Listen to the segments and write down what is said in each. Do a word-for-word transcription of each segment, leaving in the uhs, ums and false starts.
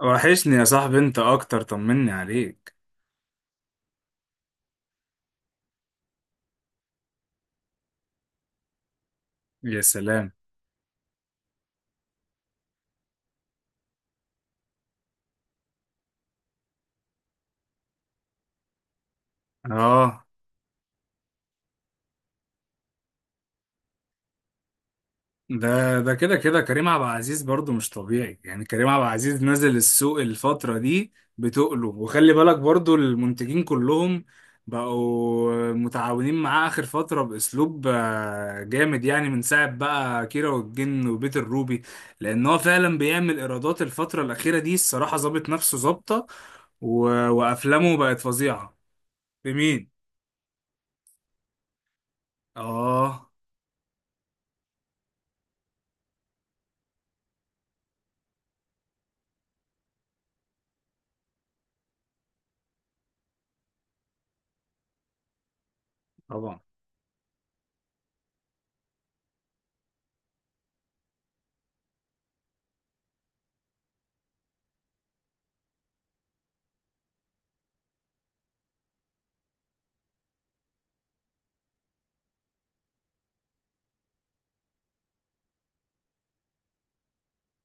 وحشني يا صاحبي، انت اكتر. طمني عليك. يا سلام. اه. ده ده كده كده كريم عبد العزيز برضو مش طبيعي. يعني كريم عبد العزيز نزل السوق الفترة دي بتقله. وخلي بالك برضو المنتجين كلهم بقوا متعاونين معاه آخر فترة بأسلوب آه، جامد، يعني من ساعة بقى كيرة والجن وبيت الروبي. لأن هو فعلا بيعمل إيرادات الفترة الأخيرة دي. الصراحة ظابط نفسه ظابطة. و- وأفلامه بقت فظيعة. في مين؟ آه طبعا.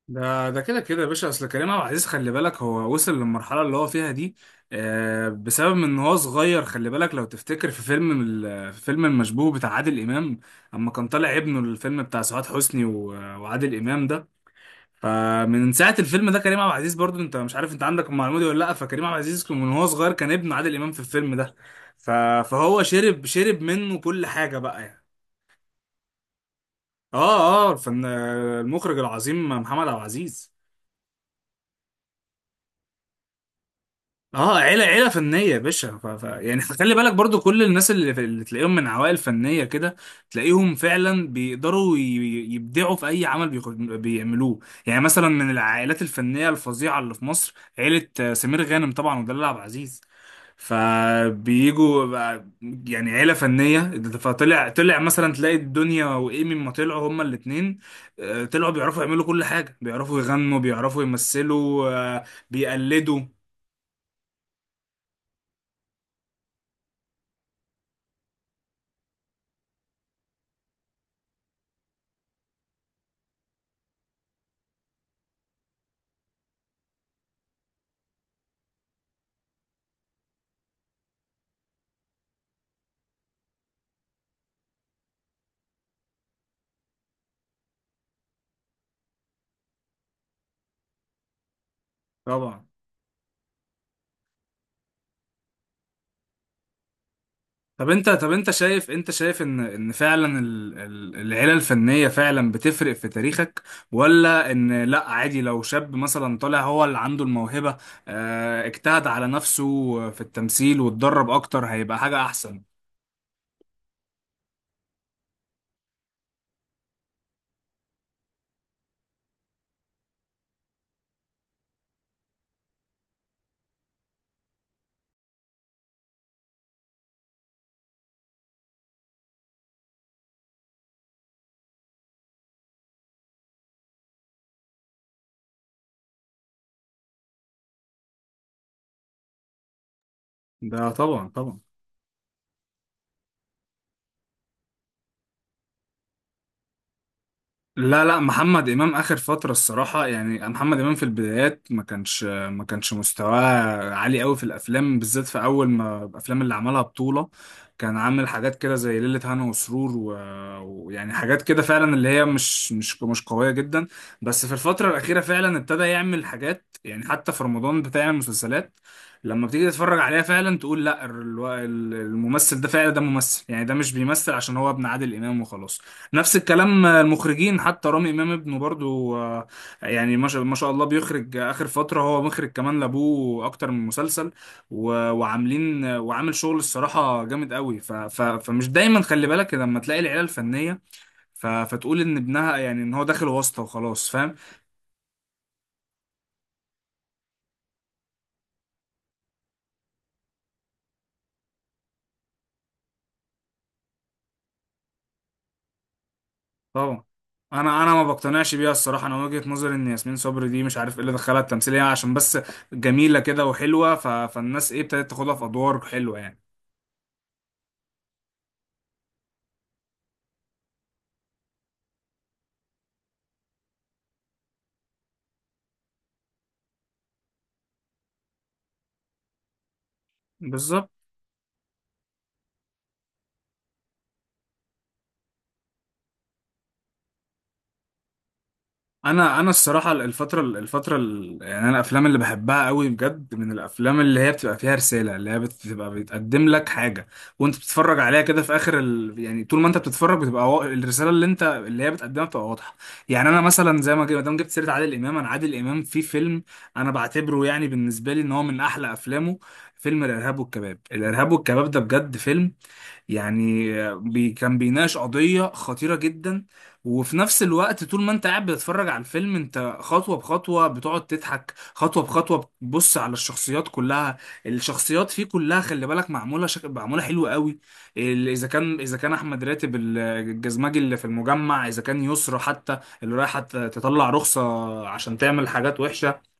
ده ده كده كده يا باشا، اصل كريم عبد العزيز خلي بالك هو وصل للمرحله اللي هو فيها دي آه، بسبب ان هو صغير. خلي بالك لو تفتكر في فيلم من ال- في فيلم المشبوه بتاع عادل امام، اما كان طالع ابنه الفيلم بتاع سعاد حسني و- وعادل امام ده. فمن ساعه الفيلم ده كريم عبد العزيز برضو، انت مش عارف انت عندك المعلومه دي ولا لا؟ فكريم عبد العزيز كان من هو صغير كان ابن عادل امام في الفيلم ده. ف- فهو شرب شرب منه كل حاجه بقى يعني. اه اه، الفن المخرج العظيم محمد عبد العزيز. اه، عيله عيله فنيه يا باشا. ف... ف... يعني خلي بالك برضو كل الناس اللي, في... اللي تلاقيهم من عوائل فنيه كده، تلاقيهم فعلا بيقدروا ي... يبدعوا في اي عمل بيخ... بيعملوه. يعني مثلا من العائلات الفنيه الفظيعه اللي في مصر عيله آه، سمير غانم طبعا ودلال عبد العزيز. فبيجوا بقى، يعني عيله فنيه. فطلع طلع مثلا، تلاقي الدنيا وايمي ما طلعوا هما الاثنين، طلعوا بيعرفوا يعملوا كل حاجه، بيعرفوا يغنوا بيعرفوا يمثلوا. آه، بيقلدوا. طبعا. طب انت طب انت شايف، انت شايف ان ان فعلا ال- ال- العيله الفنيه فعلا بتفرق في تاريخك؟ ولا ان لا عادي لو شاب مثلا طالع هو اللي عنده الموهبه، اه، اجتهد على نفسه في التمثيل واتدرب اكتر هيبقى حاجه احسن؟ ده طبعا طبعا. لا لا، محمد امام اخر فتره الصراحه، يعني محمد امام في البدايات ما كانش ما كانش مستواه عالي قوي في الافلام، بالذات في اول ما الافلام اللي عملها بطوله، كان عامل حاجات كده زي ليله هنا وسرور و- ويعني حاجات كده فعلا اللي هي مش مش مش قويه جدا. بس في الفتره الاخيره فعلا ابتدى يعمل حاجات، يعني حتى في رمضان بتاع المسلسلات لما بتيجي تتفرج عليها فعلا تقول لا، الو- الممثل ده فعلا ده ممثل، يعني ده مش بيمثل عشان هو ابن عادل امام وخلاص. نفس الكلام المخرجين، حتى رامي امام ابنه برضو آه، يعني ما شاء ما شاء الله، بيخرج اخر فتره هو مخرج كمان لابوه اكتر من مسلسل. و- وعاملين وعامل شغل الصراحه جامد قوي. ف ف فمش دايما خلي بالك لما تلاقي العيله الفنيه، ف فتقول ان ابنها يعني ان هو داخل واسطه وخلاص، فاهم. طبعا. انا انا ما بقتنعش بيها الصراحه. انا وجهه نظري ان ياسمين صبري دي مش عارف ايه اللي دخلها التمثيليه عشان بس جميله كده وحلوه، ف فالناس ايه ابتدت تاخدها في ادوار حلوه يعني. بالظبط. انا انا الصراحه الفتره الفتره ال- يعني انا الافلام اللي بحبها قوي بجد من الافلام اللي هي بتبقى فيها رساله، اللي هي بتبقى بتقدم لك حاجه وانت بتتفرج عليها كده في اخر ال... يعني طول ما انت بتتفرج بتبقى وا- الرساله اللي انت اللي هي بتقدمها بتبقى واضحه. يعني انا مثلا زي ما جي- ما دام جبت سيره عادل امام، انا عادل امام في فيلم انا بعتبره يعني بالنسبه لي ان هو من احلى افلامه، فيلم الارهاب والكباب. الارهاب والكباب ده بجد فيلم، يعني بي كان بيناقش قضية خطيرة جدا، وفي نفس الوقت طول ما انت قاعد بتتفرج على الفيلم انت خطوة بخطوة بتقعد تضحك، خطوة بخطوة بتبص على الشخصيات كلها. الشخصيات فيه كلها خلي بالك معمولة شك... معمولة حلوة قوي. ال- اذا كان اذا كان احمد راتب ال- الجزمجي اللي في المجمع، اذا كان يسرى حتى اللي رايحة تطلع رخصة عشان تعمل حاجات وحشة.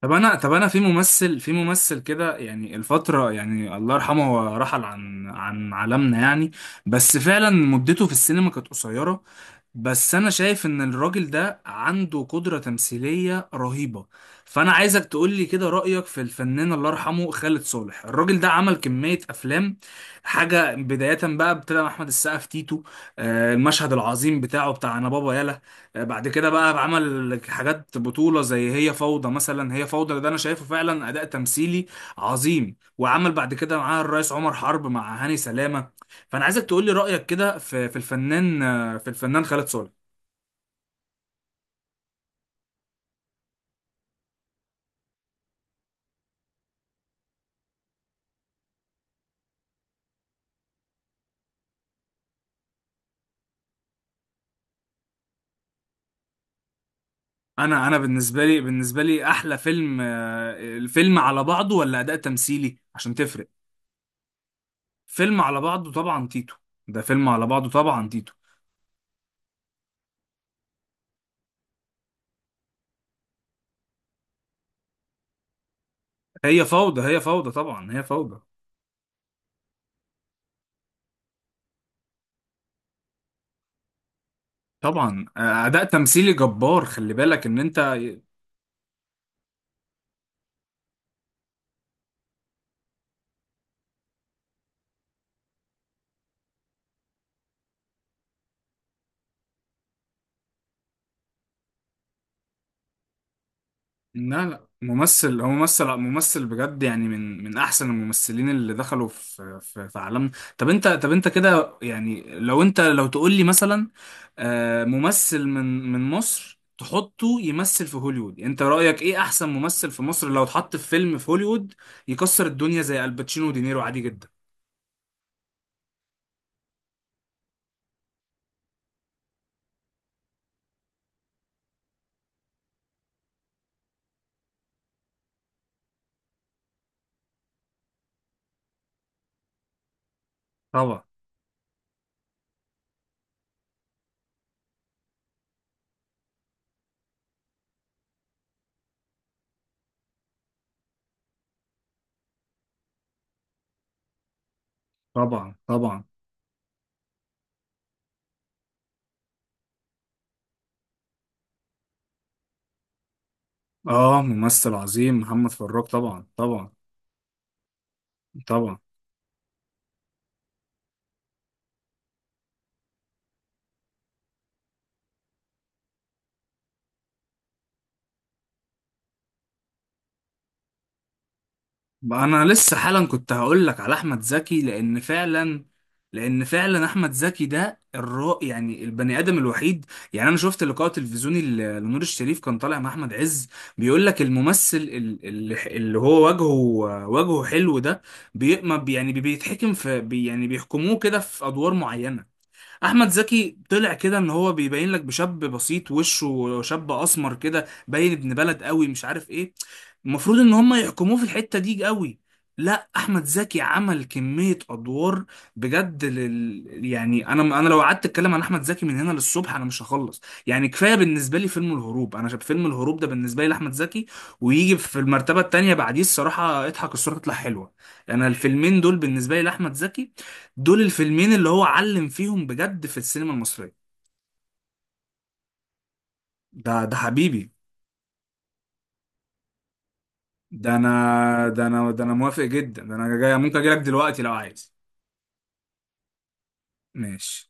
طب انا طب انا في ممثل، في ممثل كده يعني الفتره، يعني الله يرحمه هو رحل عن عن عالمنا يعني، بس فعلا مدته في السينما كانت قصيره، بس انا شايف ان الراجل ده عنده قدره تمثيليه رهيبه. فانا عايزك تقول لي كده رايك في الفنان الله يرحمه خالد صالح. الراجل ده عمل كميه افلام. حاجه بدايه بقى، ابتدى مع احمد السقا في تيتو، آه، المشهد العظيم بتاعه بتاع انا بابا يلا. بعد كده بقى عمل حاجات بطولة زي هي فوضى مثلا. هي فوضى ده انا شايفه فعلا اداء تمثيلي عظيم. وعمل بعد كده معاه الرئيس عمر حرب مع هاني سلامة. فانا عايزك تقول لي رأيك كده في في الفنان، في الفنان خالد صالح. انا انا بالنسبة لي بالنسبة لي احلى فيلم آه، الفيلم على بعضه ولا اداء تمثيلي، عشان تفرق. فيلم على بعضه طبعا تيتو. ده فيلم على بعضه طبعا تيتو. هي فوضى، هي فوضى طبعا، هي فوضى. طبعا آه، اداء تمثيلي جبار، خلي بالك ان انت. لا لا ممثل، هو ممثل ممثل بجد، يعني من من احسن الممثلين اللي دخلوا في في, في عالمنا. طب انت طب انت كده يعني لو انت لو تقول لي مثلا آه، ممثل من من مصر تحطه يمثل في هوليوود، انت رأيك ايه احسن ممثل في مصر لو اتحط في فيلم في هوليوود يكسر الدنيا زي الباتشينو ودينيرو عادي جدا؟ طبعا. طبعا. طبعا. اه ممثل عظيم محمد فراج طبعا. طبعا. طبعا بقى، انا لسه حالا كنت هقول لك على احمد زكي، لان فعلا لان فعلا احمد زكي ده الرا يعني البني ادم الوحيد. يعني انا شفت لقاء تلفزيوني ل- لنور الشريف كان طالع مع احمد عز، بيقول لك الممثل ال- ال- اللي هو وجهه وجهه حلو ده بي ما بي- يعني بيتحكم في بي، يعني بيحكموه كده في ادوار معينة. احمد زكي طلع كده ان هو بيبين لك بشاب بسيط، وشه شاب اسمر كده باين ابن بلد قوي مش عارف ايه، المفروض ان هم يحكموه في الحتة دي قوي، لا احمد زكي عمل كمية ادوار بجد لل... يعني انا انا لو قعدت اتكلم عن احمد زكي من هنا للصبح انا مش هخلص. يعني كفاية بالنسبة لي فيلم الهروب، انا شايف فيلم الهروب ده بالنسبة لي لاحمد زكي، ويجي في المرتبة التانية بعديه الصراحة اضحك الصورة تطلع حلوة. انا الفيلمين دول بالنسبة لي لاحمد زكي، دول الفيلمين اللي هو علم فيهم بجد في السينما المصرية. ده ده حبيبي. ده انا ده انا ده انا موافق جدا، ده انا جاي، ممكن اجي لك دلوقتي لو عايز. ماشي.